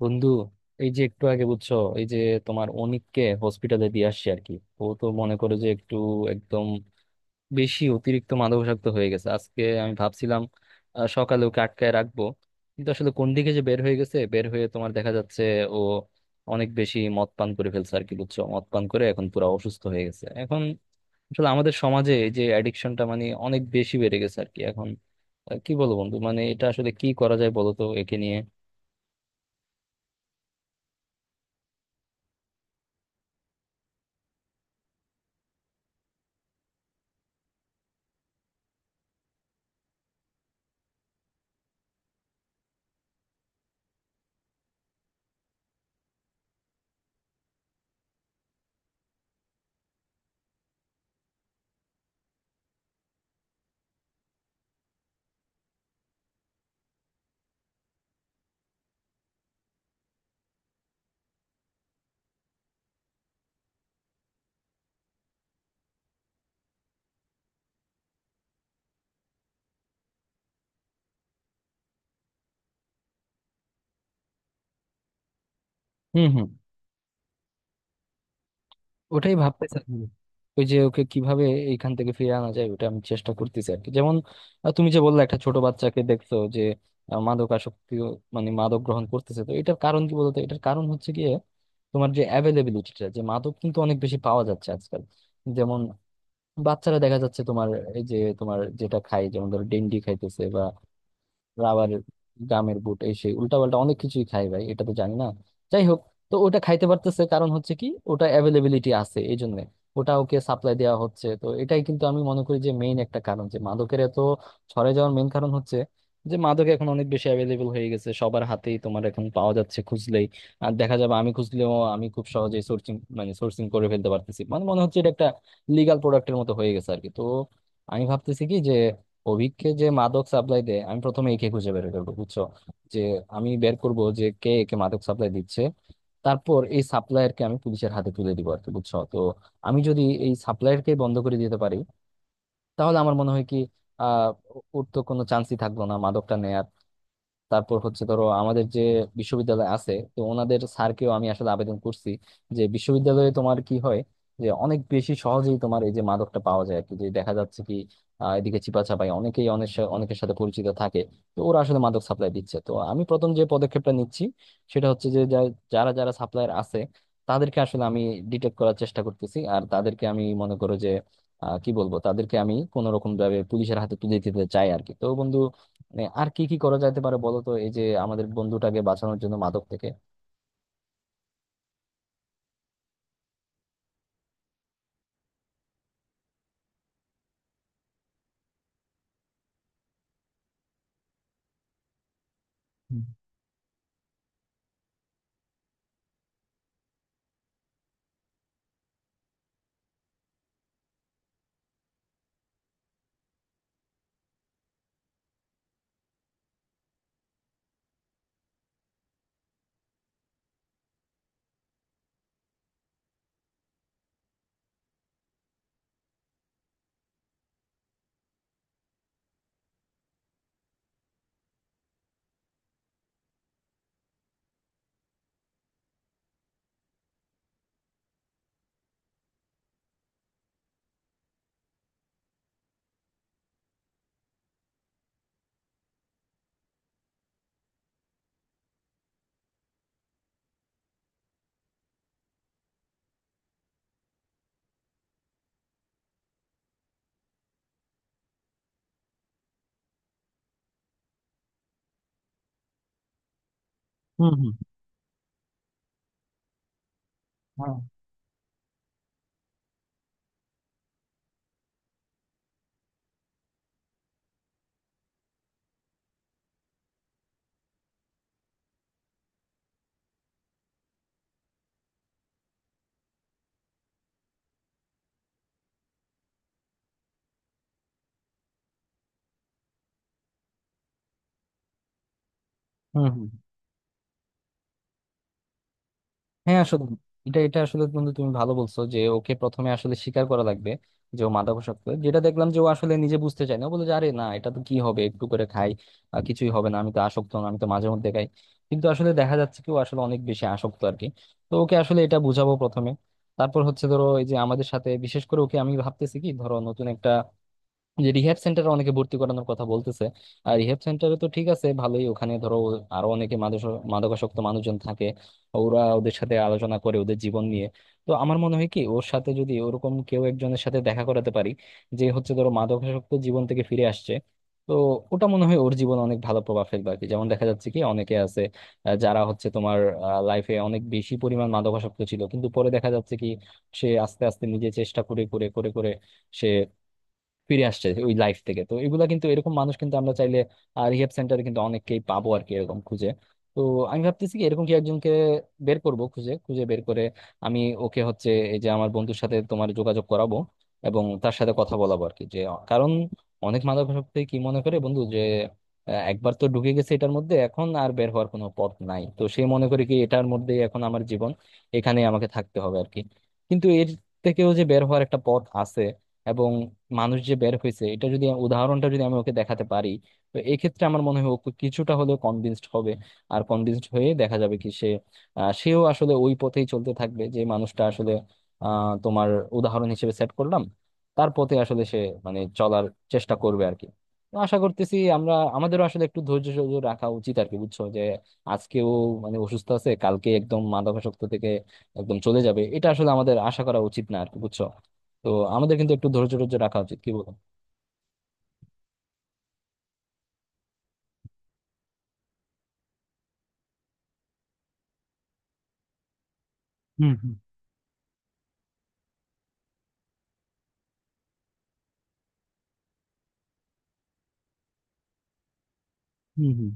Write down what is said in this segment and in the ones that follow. বন্ধু, এই যে একটু আগে বুঝছো, এই যে তোমার অনিককে হসপিটালে দিয়ে আসছি আর কি। ও তো মনে করে যে একটু একদম বেশি অতিরিক্ত মাদকাসক্ত হয়ে গেছে। আজকে আমি ভাবছিলাম সকালে ওকে আটকায় রাখবো, কিন্তু আসলে কোন দিকে যে বের হয়ে গেছে বের হয়ে, তোমার দেখা যাচ্ছে ও অনেক বেশি মদ পান করে ফেলছে আর কি। বুঝছো, মদ পান করে এখন পুরো অসুস্থ হয়ে গেছে এখন। আসলে আমাদের সমাজে এই যে অ্যাডিকশনটা, মানে অনেক বেশি বেড়ে গেছে আর কি এখন। কি বলবো বন্ধু, মানে এটা আসলে কি করা যায় বলো তো একে নিয়ে। ওটাই ভাবতেছি আমি। ওই যে ওকে কিভাবে এইখান থেকে ফিরে আনা যায়, ওটা আমি চেষ্টা করতেছি আর কি। যেমন তুমি যে বললে একটা ছোট বাচ্চাকে দেখছো, যে মাদক আসক্তি, মানে মাদক গ্রহণ করতেছে, তো এটার কারণ কি বলতো? এটার কারণ হচ্ছে গিয়ে তোমার যে অ্যাভেলেবিলিটিটা, যে মাদক কিন্তু অনেক বেশি পাওয়া যাচ্ছে আজকাল। যেমন বাচ্চারা দেখা যাচ্ছে তোমার এই যে তোমার যেটা খায়, যেমন ধরো ডেন্ডি খাইতেছে, রাবারের গামের বুট, এই সেই উল্টাপাল্টা অনেক কিছুই খাই ভাই, এটা তো জানি না। যাই হোক, তো ওটা খাইতে পারতেছে কারণ হচ্ছে কি ওটা অ্যাভেলেবিলিটি আছে এই জন্য। ওটা ওকে সাপ্লাই দেওয়া হচ্ছে। তো এটাই কিন্তু আমি মনে করি যে মেইন একটা কারণ, যে মাদকের এত ছড়ে যাওয়ার মেইন কারণ হচ্ছে যে মাদক এখন অনেক বেশি অ্যাভেলেবল হয়ে গেছে। সবার হাতেই তোমার এখন পাওয়া যাচ্ছে খুঁজলেই। আর দেখা যাবে আমি খুঁজলেও আমি খুব সহজেই সোর্সিং, মানে সোর্সিং করে ফেলতে পারতেছি। মানে মনে হচ্ছে এটা একটা লিগাল প্রোডাক্টের মতো হয়ে গেছে আর কি। তো আমি ভাবতেছি কি যে অভিককে যে মাদক সাপ্লাই দেয়, আমি প্রথমে একে খুঁজে বের করবো। বুঝছো, যে আমি বের করব যে কে একে মাদক সাপ্লাই দিচ্ছে। তারপর এই সাপ্লায়ারকে আমি পুলিশের হাতে তুলে দিব আর কি। বুঝছো, তো আমি যদি এই সাপ্লায়ারকে বন্ধ করে দিতে পারি, তাহলে আমার মনে হয় কি আহ ওর তো কোনো চান্সই থাকলো না মাদকটা নেয়ার। তারপর হচ্ছে ধরো, আমাদের যে বিশ্ববিদ্যালয় আছে, তো ওনাদের স্যারকেও আমি আসলে আবেদন করছি যে বিশ্ববিদ্যালয়ে তোমার কি হয় যে অনেক বেশি সহজেই তোমার এই যে মাদকটা পাওয়া যায় আর কি। যে দেখা যাচ্ছে কি এদিকে চিপা চাপাই অনেকেই অনেক অনেকের সাথে পরিচিত থাকে। তো ওরা আসলে মাদক সাপ্লাই দিচ্ছে। তো আমি প্রথম যে পদক্ষেপটা নিচ্ছি, সেটা হচ্ছে যে যারা যারা সাপ্লায়ার আছে, তাদেরকে আসলে আমি ডিটেক্ট করার চেষ্টা করতেছি। আর তাদেরকে আমি মনে করো যে কি বলবো, তাদেরকে আমি কোনো রকম ভাবে পুলিশের হাতে তুলে দিতে চাই আর কি। তো বন্ধু, মানে আর কি কি করা যেতে পারে বলো তো, এই যে আমাদের বন্ধুটাকে বাঁচানোর জন্য মাদক থেকে। হুম হুম হুম হ্যাঁ. হুম হুম হ্যাঁ, আসলে এটা এটা আসলে বন্ধু তুমি ভালো বলছো, যে ওকে প্রথমে আসলে স্বীকার করা লাগবে যে ও মাদকাসক্ত। যেটা দেখলাম যে ও আসলে নিজে বুঝতে চায় না, ও বলে যে আরে না এটা তো কি হবে একটু করে খাই, কিছুই হবে না, আমি তো আসক্ত না, আমি তো মাঝে মধ্যে খাই। কিন্তু আসলে দেখা যাচ্ছে কি ও আসলে অনেক বেশি আসক্ত আর কি। তো ওকে আসলে এটা বুঝাবো প্রথমে। তারপর হচ্ছে ধরো এই যে আমাদের সাথে, বিশেষ করে ওকে আমি ভাবতেছি কি ধরো, নতুন একটা যে রিহ্যাব সেন্টারে অনেকে ভর্তি করানোর কথা বলতেছে। আর রিহ্যাব সেন্টারে তো ঠিক আছে, ভালোই। ওখানে ধরো আরো অনেকে মাদকাসক্ত মানুষজন থাকে, ওরা ওদের সাথে আলোচনা করে ওদের জীবন নিয়ে। তো আমার মনে হয় কি ওর সাথে যদি ওরকম কেউ একজনের সাথে দেখা করাতে পারি, যে হচ্ছে ধরো মাদকাসক্ত জীবন থেকে ফিরে আসছে, তো ওটা মনে হয় ওর জীবনে অনেক ভালো প্রভাব ফেলবে আর কি। যেমন দেখা যাচ্ছে কি অনেকে আছে যারা হচ্ছে তোমার লাইফে অনেক বেশি পরিমাণ মাদকাসক্ত ছিল, কিন্তু পরে দেখা যাচ্ছে কি সে আস্তে আস্তে নিজে চেষ্টা করে করে সে ফিরে আসছে ওই লাইফ থেকে। তো এগুলা কিন্তু এরকম মানুষ কিন্তু আমরা চাইলে রিহেব সেন্টারে কিন্তু অনেককেই পাবো আর কি এরকম খুঁজে। তো আমি ভাবতেছি কি এরকম কি একজনকে বের করব খুঁজে, খুঁজে বের করে আমি ওকে হচ্ছে এই যে আমার বন্ধুর সাথে তোমার যোগাযোগ করাবো এবং তার সাথে কথা বলাবো আর কি। যে কারণ অনেক মাদকাসক্তি কি মনে করে বন্ধু যে একবার তো ঢুকে গেছে এটার মধ্যে, এখন আর বের হওয়ার কোনো পথ নাই। তো সে মনে করে কি এটার মধ্যে এখন আমার জীবন, এখানে আমাকে থাকতে হবে আর কি। কিন্তু এর থেকেও যে বের হওয়ার একটা পথ আছে এবং মানুষ যে বের হয়েছে, এটা যদি উদাহরণটা যদি আমি ওকে দেখাতে পারি, তো এই ক্ষেত্রে আমার মনে হয় ওকে কিছুটা হলেও কনভিন্সড হবে। আর কনভিন্সড হয়ে দেখা যাবে কি সে সেও আসলে ওই পথেই চলতে থাকবে, যে মানুষটা আসলে তোমার উদাহরণ হিসেবে সেট করলাম, তার পথে আসলে সে মানে চলার চেষ্টা করবে আর কি। তো আশা করতেছি আমরা আমাদেরও আসলে একটু ধৈর্য সহ্য রাখা উচিত আর কি। বুঝছো যে আজকেও মানে অসুস্থ আছে, কালকে একদম মাদকাসক্ত থেকে একদম চলে যাবে, এটা আসলে আমাদের আশা করা উচিত না আর কি। বুঝছো, তো আমাদের কিন্তু একটু ধৈর্য ধৈর্য রাখা উচিত, কি বলো? হুম হুম হুম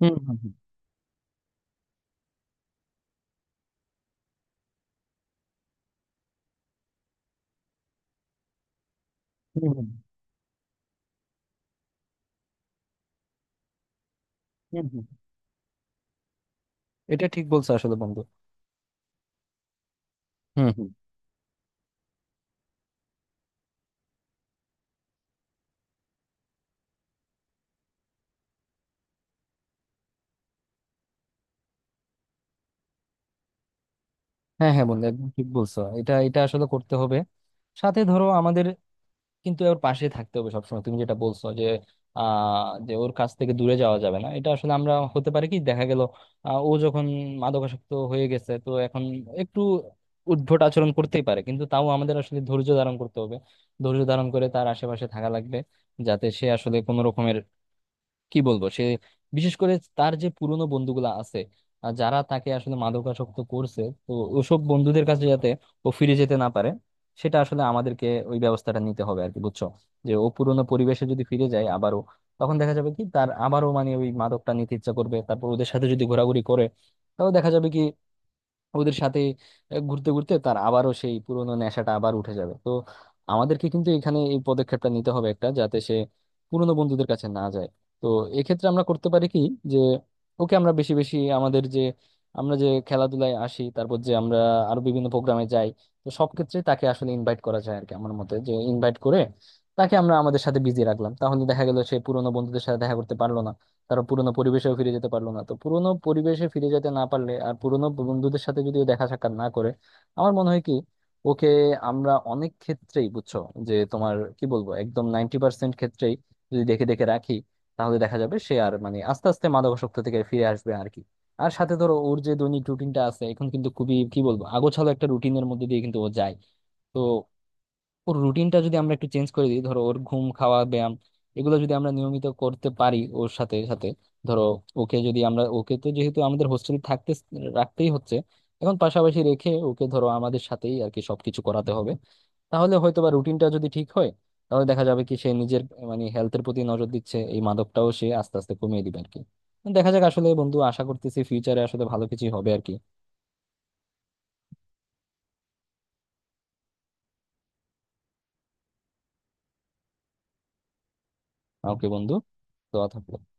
হুম হুম হুম হুম হুম হুম। এটা ঠিক বলছো আসলে বন্ধু। হুম হুম হ্যাঁ, হ্যাঁ বন্ধু একদম ঠিক বলছো, এটা এটা আসলে করতে হবে। সাথে ধরো আমাদের কিন্তু ওর পাশে থাকতে হবে সবসময়। তুমি যেটা বলছো যে যে ওর কাছ থেকে দূরে যাওয়া যাবে না, এটা আসলে আমরা হতে পারে কি দেখা গেল ও যখন মাদকাসক্ত হয়ে গেছে তো এখন একটু উদ্ভট আচরণ করতেই পারে, কিন্তু তাও আমাদের আসলে ধৈর্য ধারণ করতে হবে। ধৈর্য ধারণ করে তার আশেপাশে থাকা লাগবে, যাতে সে আসলে কোনো রকমের, কি বলবো, সে বিশেষ করে তার যে পুরনো বন্ধুগুলা আছে যারা তাকে আসলে মাদকাসক্ত করছে, তো ওসব বন্ধুদের কাছে যাতে ও ফিরে যেতে না পারে, সেটা আসলে আমাদেরকে ওই ব্যবস্থাটা নিতে হবে আর কি। বুঝছো, যে ও পুরনো পরিবেশে যদি ফিরে যায় আবারও, তখন দেখা যাবে কি তার আবারও মানে ওই মাদকটা নিতে ইচ্ছা করবে। তারপর ওদের সাথে যদি ঘোরাঘুরি করে, তাহলে দেখা যাবে কি ওদের সাথে ঘুরতে ঘুরতে তার আবারও সেই পুরোনো নেশাটা আবার উঠে যাবে। তো আমাদেরকে কিন্তু এখানে এই পদক্ষেপটা নিতে হবে একটা, যাতে সে পুরোনো বন্ধুদের কাছে না যায়। তো এক্ষেত্রে আমরা করতে পারি কি যে ওকে আমরা বেশি বেশি আমাদের যে, আমরা যে খেলাধুলায় আসি, তারপর যে আমরা আরো বিভিন্ন প্রোগ্রামে যাই, তো সব ক্ষেত্রে তাকে আসলে ইনভাইট করা যায় আর কি। আমার মতে যে ইনভাইট করে তাকে আমরা আমাদের সাথে বিজি রাখলাম, তাহলে দেখা গেল সে পুরোনো বন্ধুদের সাথে দেখা করতে পারলো না, তারা পুরোনো পরিবেশেও ফিরে যেতে পারলো না। তো পুরোনো পরিবেশে ফিরে যেতে না পারলে আর পুরোনো বন্ধুদের সাথে যদি ও দেখা সাক্ষাৎ না করে, আমার মনে হয় কি ওকে আমরা অনেক ক্ষেত্রেই, বুঝছো, যে তোমার কি বলবো, একদম 90% ক্ষেত্রেই যদি দেখে দেখে রাখি, তাহলে দেখা যাবে সে আর মানে আস্তে আস্তে মাদকাসক্ত থেকে ফিরে আসবে আর কি। আর সাথে ধরো ওর যে দৈনিক রুটিনটা আছে এখন, কিন্তু খুবই কি বলবো আগোছালো একটা রুটিনের মধ্যে দিয়ে কিন্তু ও যায়। তো ওর রুটিনটা যদি আমরা একটু চেঞ্জ করে দিই, ধরো ওর ঘুম, খাওয়া, ব্যায়াম এগুলো যদি আমরা নিয়মিত করতে পারি ওর সাথে সাথে, ধরো ওকে যদি আমরা ওকে তো যেহেতু আমাদের হোস্টেলে থাকতে রাখতেই হচ্ছে এখন, পাশাপাশি রেখে ওকে ধরো আমাদের সাথেই আর কি সবকিছু করাতে হবে, তাহলে হয়তো বা রুটিনটা যদি ঠিক হয়, তাহলে দেখা যাবে কি সে নিজের মানে হেলথের প্রতি নজর দিচ্ছে, এই মাদকটাও সে আস্তে আস্তে কমিয়ে দিবে আর কি। দেখা যাক আসলে বন্ধু, আশা করতেছি ফিউচারে আসলে ভালো কিছু হবে আর কি। ওকে বন্ধু, তো